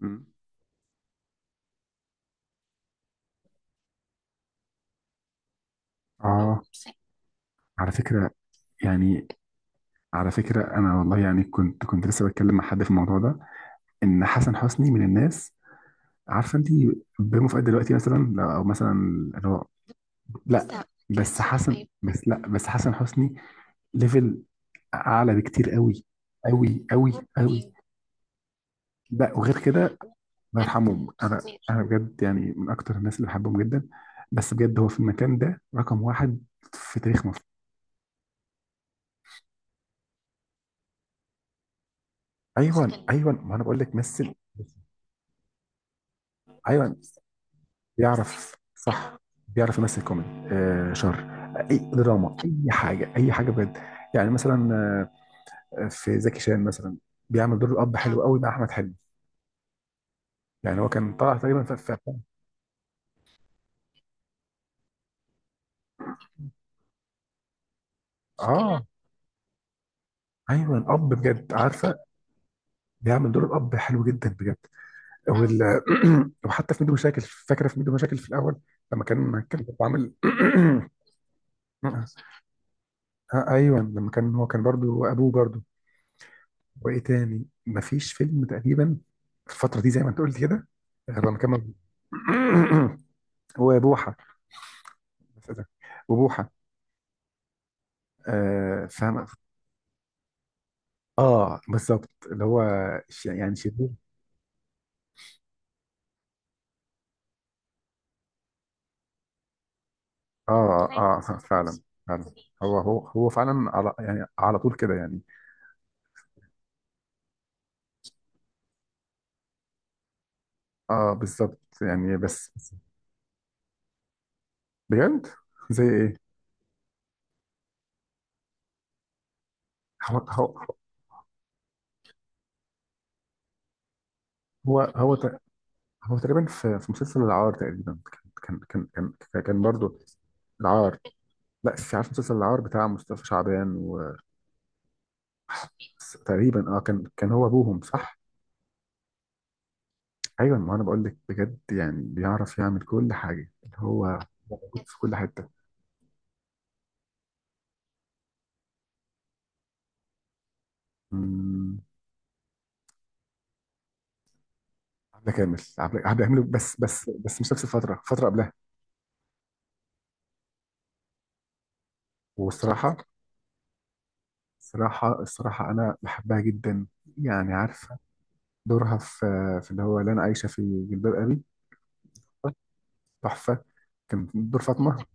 مم. اه، على فكرة يعني، على فكرة أنا والله يعني كنت لسه بتكلم مع حد في الموضوع ده، إن حسن حسني من الناس. عارفة أنت، بيومه في قد دلوقتي مثلا، لا، أو مثلا اللي هو، لا كنت بس حسن، بس لا، بس حسن حسني ليفل أعلى بكتير أوي أوي أوي أوي. لا وغير كده الله، بجد يرحمه. أنا أنا بجد يعني من أكتر الناس اللي بحبهم جدا، بس بجد هو في المكان ده رقم واحد في تاريخ مصر. أيوه أيوه، ما أنا بقول لك مثل. ايوه، بيعرف صح، بيعرف يمثل كوميدي، شر، اي دراما، اي حاجه اي حاجه بجد. يعني مثلا في زكي شان مثلا بيعمل دور الاب حلو، اه قوي، مع احمد حلمي. يعني هو كان طالع تقريبا كده. اه ايوه الاب بجد عارفه، بيعمل دور الاب حلو جدا بجد. اه وال... وحتى في ميدو مشاكل، فاكره في ميدو مشاكل في الاول، لما كان برضه عامل آه ايوه، لما كان هو كان برضه ابوه برضه. وايه تاني؟ مفيش فيلم تقريبا في الفتره دي زي ما انت قلت كده، غير لما كمل. هو بوحه، بس إيه ده، وبوحه. آه فاهم. اه بالظبط، اللي هو يعني شرير. اه اه، فعلا، فعلا. هو هو هو فعلا على يعني على طول كده يعني. اه بالظبط يعني، بجد زي ايه؟ هو هو هو هو, ت- هو تقريبا في مسلسل العار تقريبا كان كان برضه. العار، لا مش عارف، مسلسل العار بتاع مصطفى شعبان. وتقريبا اه، كان هو ابوهم صح. ايوه ما انا بقول لك بجد، يعني بيعرف يعمل كل حاجه، اللي هو موجود في كل حته. أمم، عبله كامل، عبله، عبله كامل، بس مش نفس الفتره، فتره قبلها. والصراحه، الصراحه انا بحبها جدا. يعني عارفه، دورها في اللي هو، اللي انا عايشه في جلباب ابي، تحفه. كان دور فاطمه.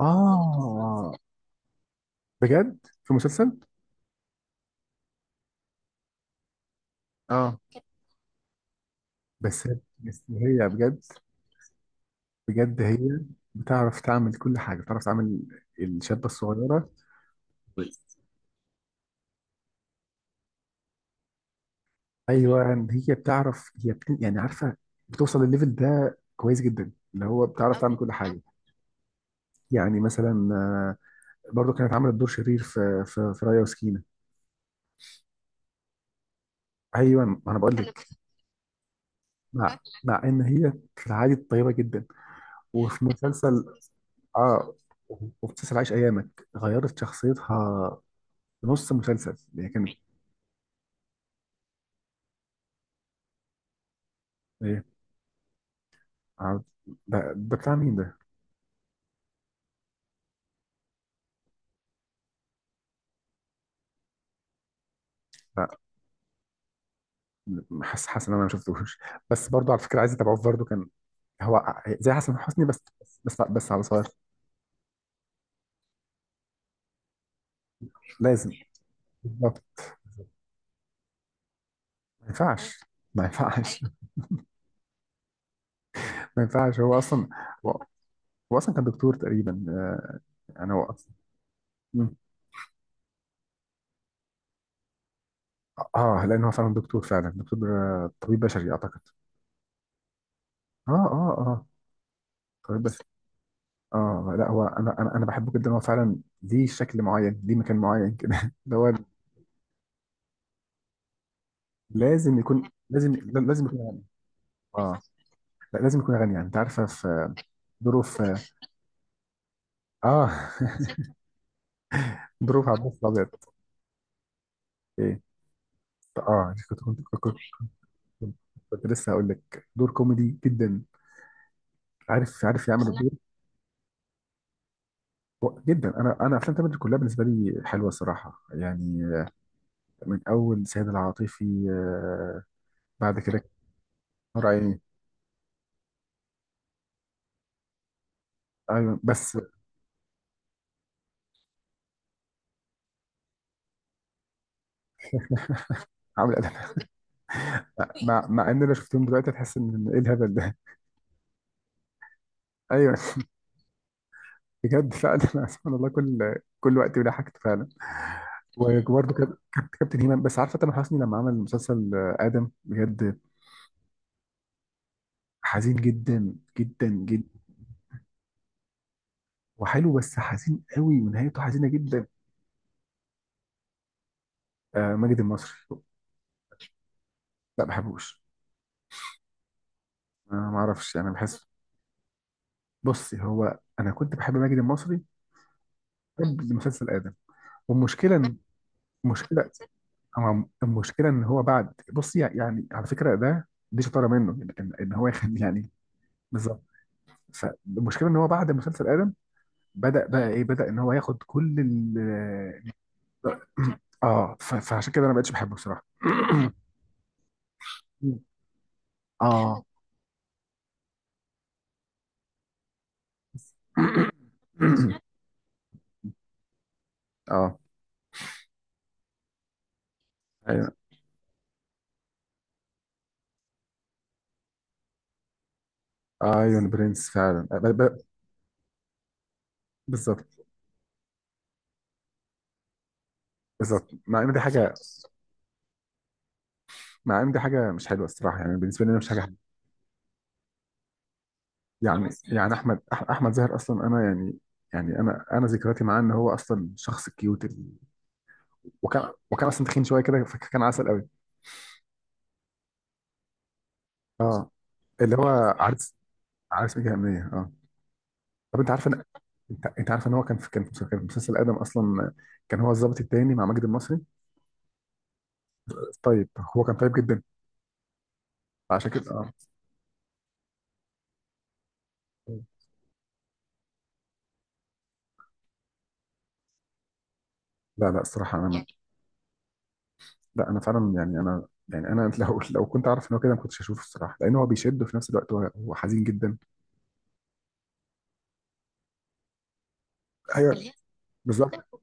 اه بجد، في مسلسل. اه، بس بس هي بجد، بجد هي بتعرف تعمل كل حاجه، بتعرف تعمل الشابه الصغيره. ايوه، يعني هي بتعرف، يعني عارفه، بتوصل للليفل ده كويس جدا، اللي هو بتعرف تعمل كل حاجه. يعني مثلا برضو كانت عملت دور شرير في رايا وسكينه. ايوه ما انا بقول لك، مع مع ان هي في العادي طيبه جدا. وفي مسلسل، اه وفي مسلسل عايش ايامك غيرت شخصيتها، نص مسلسل هي كانت. ايه؟ عارف- ده ده بتاع مين ده؟ حاسس حاسس ان انا ما شفتوش، بس برضو على فكره عايز اتابعه برضو. كان هو زي حسن حسني، بس بس بس على صغير. لازم، بالظبط. ما ينفعش، ما ينفعش. ما ينفعش هو اصلا. هو, هو اصلا كان دكتور تقريبا، يعني هو اصلا. مم. اه لان هو فعلا دكتور، فعلا دكتور، طبيب بشري اعتقد. اه اه اه، طبيب بشري. اه لا هو، انا انا انا بحبه جدا هو فعلا، ليه شكل معين، ليه مكان معين كده اللي هو لازم يكون، لازم لازم يكون غني. اه لا، لازم يكون غني. يعني انت عارفه، في دوره في، اه ظروف عباس الابيض. ايه، اه كنت لسه هقول لك دور كوميدي جدا، عارف عارف يعمل الدور. و- جدا، انا انا افلام تامر كلها بالنسبه لي حلوه الصراحه يعني، من اول سيد العاطفي، بعد كده نور عيني. ايوه بس عامل مع مع ان انا شفتهم دلوقتي تحس ان ايه الهبل ده؟ ايوه بجد فعلا سبحان الله، كل كل وقت ضحكت فعلا. وبرده كابتن هيمان. بس عارفه تامر حسني لما عمل مسلسل ادم؟ بجد حزين جدا جدا جدا، وحلو، بس حزين قوي ونهايته حزينه جدا. آه ماجد المصري. لا ما بحبوش. آه ما اعرفش، انا بحس. بصي، هو انا كنت بحب ماجد المصري قبل مسلسل ادم، والمشكله المشكله المشكله ان هو بعد، بصي يعني على فكره ده، دي شطاره منه، إن هو ياخد يعني. بالظبط. فالمشكله ان هو بعد مسلسل ادم بدا بقى ايه، بدا ان هو ياخد كل ال، اه، فعشان كده انا ما بقتش بحبه بصراحه. اه. اه ايوه، ايون برنس فعلا، بالظبط، بالظبط. مع ان دي حاجه، مع ان دي حاجه مش حلوه الصراحه، يعني بالنسبه لي أنا مش حاجه حلوة. يعني يعني احمد، احمد زاهر اصلا، انا يعني، يعني انا انا ذكرياتي معاه ان هو اصلا شخص كيوت، وكان وكان اصلا تخين شويه كده، فكان عسل قوي. اه، اللي هو عارف، عارف ايه، جهنمية، اه. طب انت عارف ان، انت انت عارف ان هو كان في، كان في، كان في مسلسل ادم اصلا، كان هو الضابط التاني مع ماجد المصري. طيب، هو كان طيب جدا. عشان كده اه. لا لا الصراحه انا، لا انا فعلا يعني انا، يعني انا لو لو كنت اعرف ان هو كده ما كنتش هشوفه الصراحه، لان هو بيشد، وفي نفس الوقت هو هو حزين جدا. ايوه بالظبط،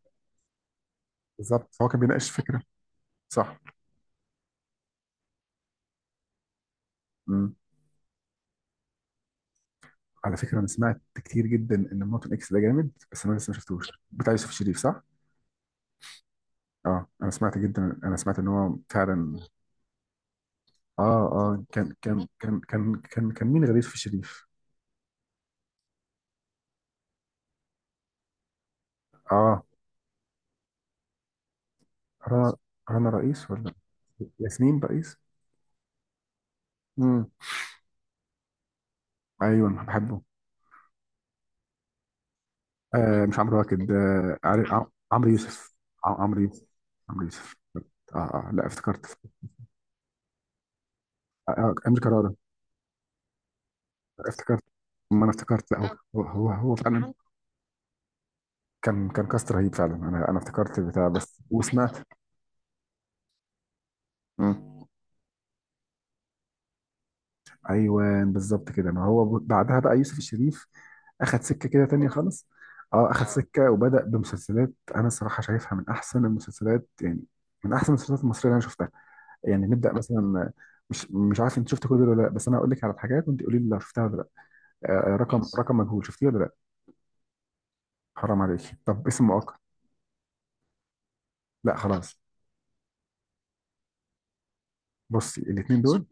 بالظبط. هو كان بيناقش فكره صح. امم. على فكره انا سمعت كتير جدا ان مارتن اكس ده جامد، بس انا لسه ما شفتوش، بتاع يوسف شريف صح؟ اه انا سمعت جدا، انا سمعت ان هو فعلا. اه اه، كان مين غير يوسف شريف؟ اه رنا، رنا رئيس ولا ياسمين رئيس؟ امم. ايوه بحبه. آه مش عمرو واكد، عمرو يوسف، عمرو يوسف، عمرو يوسف. اه اه، لا افتكرت. آه امير كرارة. افتكرت، ما انا افتكرت، لا هو، هو فعلا كان، كان كاست رهيب فعلا. انا انا افتكرت البتاع بس، وسمعت. مم. ايوه بالظبط كده، ما هو بعدها بقى يوسف الشريف اخد سكه كده تانية خالص. اه اخد سكه وبدا بمسلسلات انا الصراحه شايفها من احسن المسلسلات، يعني من احسن المسلسلات المصريه اللي انا شفتها. يعني نبدا مثلا، مش عارف انت شفت كل دول ولا لا، بس انا هقول لك على الحاجات وانت قولي لي لو شفتها ولا لا. آه، آه، رقم ماشي، رقم مجهول شفتيه ولا لا؟ حرام عليك، طب اسم مؤقت؟ لا خلاص. بصي الاثنين دول.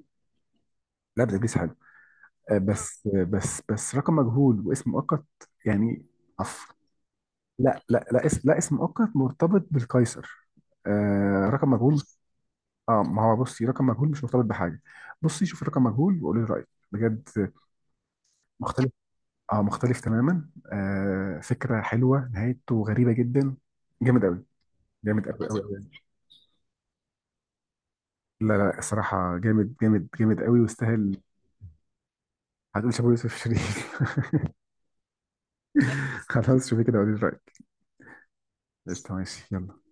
لا ده ابليس حلو، آه، بس بس رقم مجهول واسم مؤقت يعني. عفو. لا لا لا اسم، لا اسم مؤقت مرتبط بالقيصر. آه رقم مجهول. اه، ما هو بصي، رقم مجهول مش مرتبط بحاجه. بصي شوفي رقم مجهول وقولي لي رايك بجد. مختلف، اه مختلف تماما. آه فكرة حلوة، نهايته غريبة جدا، جامد قوي، جامد قوي قوي قوي. لا لا الصراحة جامد جامد جامد قوي، واستاهل. هتقول شابو يوسف شريف خلاص شوفي كده وقولي رأيك. قشطة، ماشي، يلا.